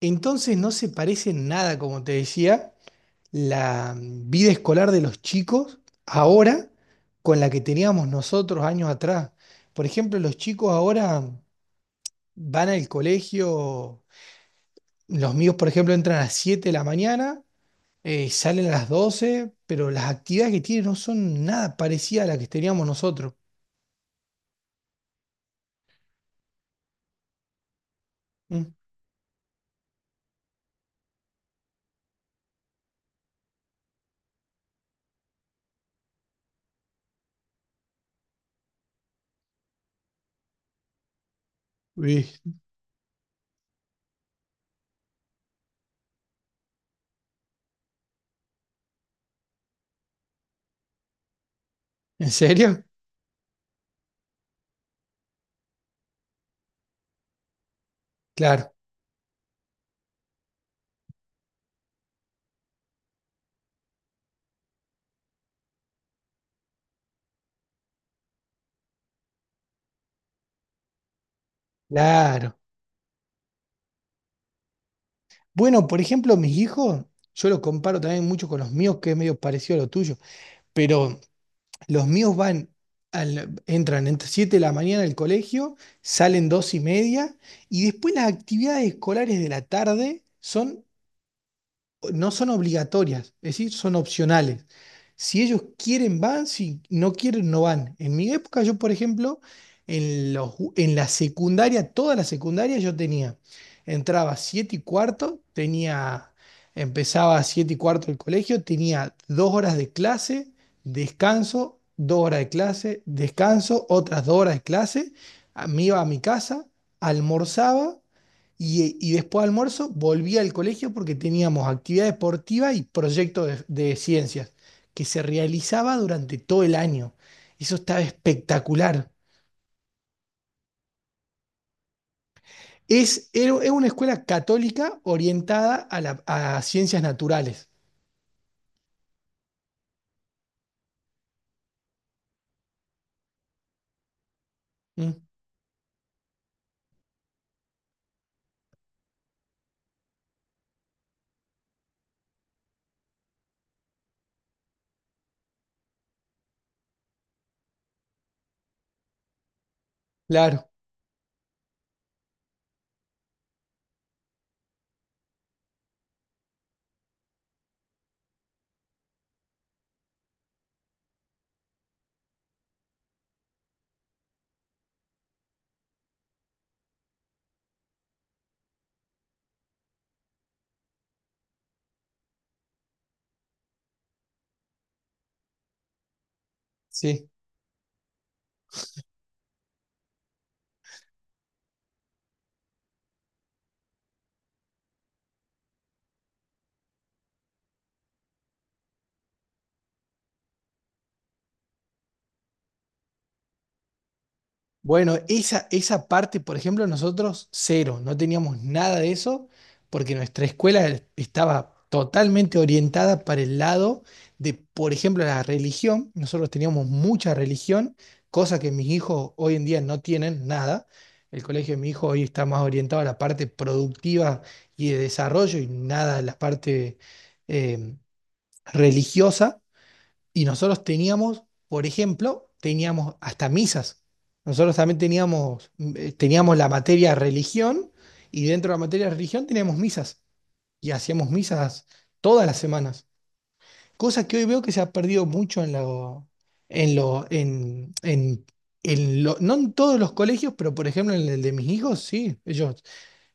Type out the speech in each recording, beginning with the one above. Entonces no se parece en nada, como te decía, la vida escolar de los chicos ahora con la que teníamos nosotros años atrás. Por ejemplo, los chicos ahora van al colegio, los míos, por ejemplo, entran a las 7 de la mañana, salen a las 12, pero las actividades que tienen no son nada parecidas a las que teníamos nosotros. Mm. Uy. ¿En serio? Claro, claro. Bueno, por ejemplo, mis hijos, yo lo comparo también mucho con los míos, que es medio parecido a lo tuyo. Pero los míos van, entran entre 7 de la mañana al colegio, salen 2 y media, y después las actividades escolares de la tarde son no son obligatorias, es decir, son opcionales. Si ellos quieren, van, si no quieren, no van. En mi época, yo, por ejemplo, en la secundaria, toda la secundaria, yo tenía, entraba 7 y cuarto, empezaba a 7 y cuarto el colegio, tenía dos horas de clase, descanso, dos horas de clase, descanso, otras dos horas de clase, me iba a mi casa, almorzaba y después de almuerzo volví al colegio porque teníamos actividad deportiva y proyecto de ciencias que se realizaba durante todo el año. Eso estaba espectacular. Es una escuela católica orientada a ciencias naturales. Mm. Claro, sí. Bueno, esa parte, por ejemplo, nosotros cero, no teníamos nada de eso, porque nuestra escuela estaba totalmente orientada para el lado de, por ejemplo, la religión. Nosotros teníamos mucha religión, cosa que mis hijos hoy en día no tienen nada. El colegio de mi hijo hoy está más orientado a la parte productiva y de desarrollo y nada a la parte eh, religiosa. Y nosotros teníamos, por ejemplo, teníamos hasta misas. Nosotros también teníamos la materia religión y dentro de la materia religión teníamos misas. Y hacíamos misas todas las semanas. Cosa que hoy veo que se ha perdido mucho en lo, en lo, en lo- no en todos los colegios, pero por ejemplo en el de mis hijos, sí, ellos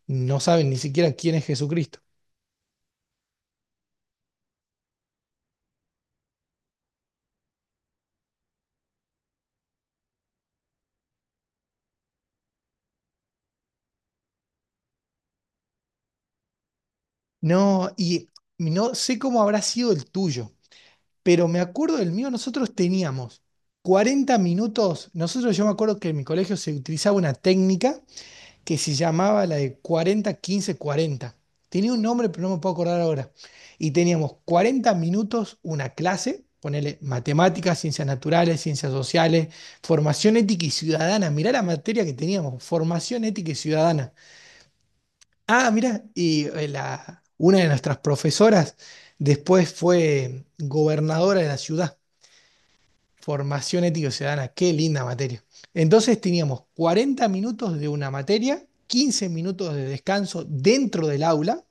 no saben ni siquiera quién es Jesucristo. No, y no sé cómo habrá sido el tuyo. Pero me acuerdo del mío, nosotros teníamos 40 minutos. Nosotros, yo me acuerdo que en mi colegio se utilizaba una técnica que se llamaba la de 40-15-40. Tenía un nombre, pero no me puedo acordar ahora. Y teníamos 40 minutos una clase, ponele matemáticas, ciencias naturales, ciencias sociales, formación ética y ciudadana. Mirá la materia que teníamos, formación ética y ciudadana. Ah, mirá, y una de nuestras profesoras después fue gobernadora de la ciudad. Formación ética ciudadana, qué linda materia. Entonces teníamos 40 minutos de una materia, 15 minutos de descanso dentro del aula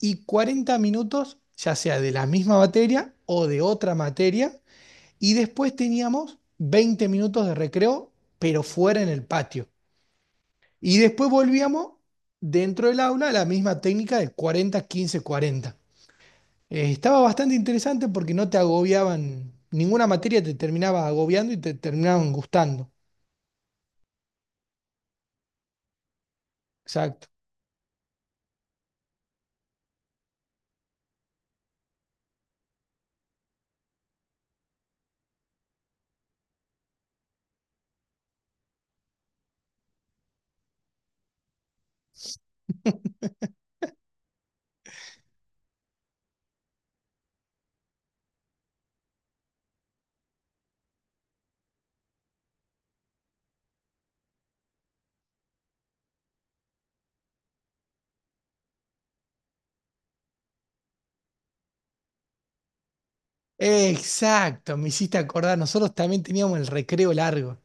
y 40 minutos ya sea de la misma materia o de otra materia y después teníamos 20 minutos de recreo pero fuera en el patio. Y después volvíamos dentro del aula a la misma técnica de 40-15-40. Estaba bastante interesante porque no te agobiaban, ninguna materia te terminaba agobiando y te terminaban gustando. Exacto. Exacto, me hiciste acordar, nosotros también teníamos el recreo largo.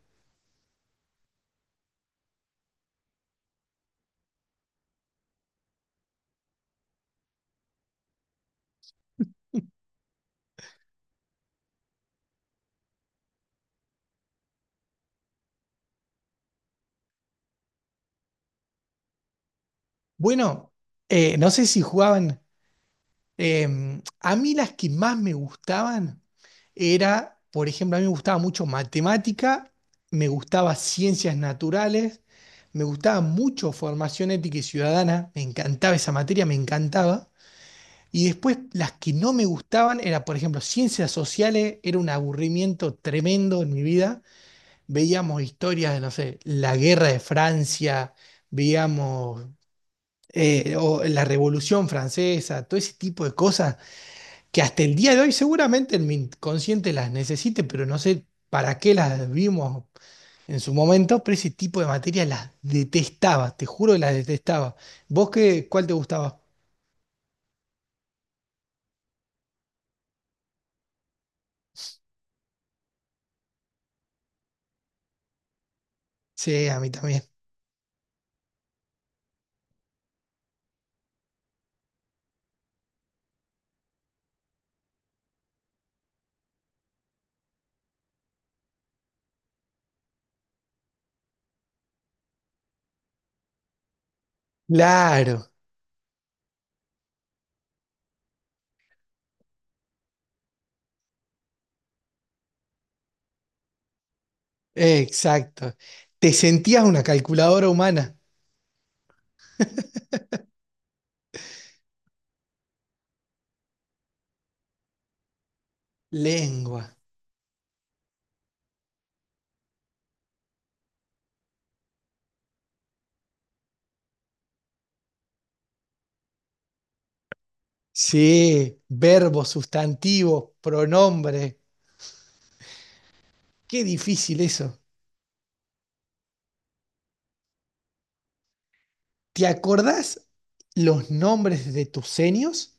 Bueno, no sé si jugaban, a mí las que más me gustaban era, por ejemplo, a mí me gustaba mucho matemática, me gustaba ciencias naturales, me gustaba mucho formación ética y ciudadana, me encantaba esa materia, me encantaba. Y después las que no me gustaban era, por ejemplo, ciencias sociales, era un aburrimiento tremendo en mi vida. Veíamos historias de, no sé, la guerra de Francia, veíamos o la Revolución Francesa, todo ese tipo de cosas que hasta el día de hoy seguramente en mi inconsciente las necesite, pero no sé para qué las vimos en su momento, pero ese tipo de materias las detestaba, te juro que las detestaba. ¿Vos cuál te gustaba? Sí, a mí también. Claro. Exacto. Te sentías una calculadora humana. Lengua. Sí, verbos, sustantivos, pronombre. Qué difícil eso. ¿Te acordás los nombres de tus senios?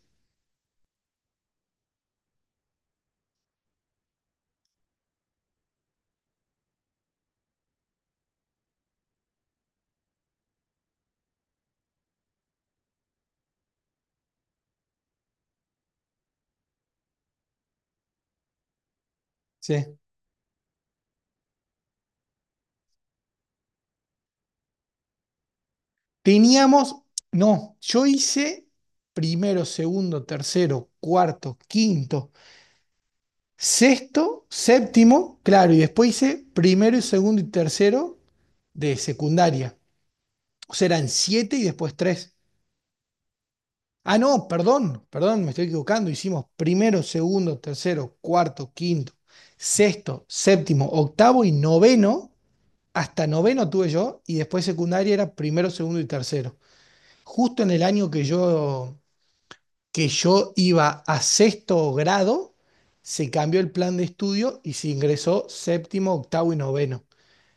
Sí. Teníamos, no, yo hice primero, segundo, tercero, cuarto, quinto, sexto, séptimo, claro, y después hice primero, y segundo y tercero de secundaria. O sea, eran siete y después tres. Ah, no, perdón, perdón, me estoy equivocando. Hicimos primero, segundo, tercero, cuarto, quinto, sexto, séptimo, octavo y noveno. Hasta noveno tuve yo y después secundaria era primero, segundo y tercero. Justo en el año que yo iba a sexto grado, se cambió el plan de estudio y se ingresó séptimo, octavo y noveno.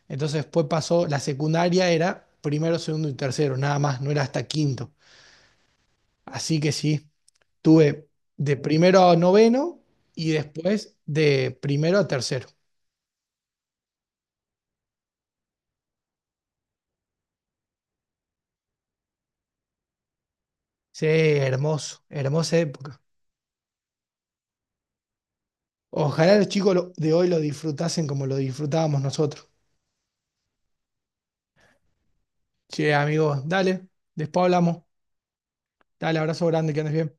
Entonces después pasó, la secundaria era primero, segundo y tercero, nada más, no era hasta quinto. Así que sí. Tuve de primero a noveno y después de primero a tercero. Sí, hermoso, hermosa época. Ojalá los chicos de hoy lo disfrutasen como lo disfrutábamos nosotros. Che, amigos, dale, después hablamos. Dale, abrazo grande, que andes bien.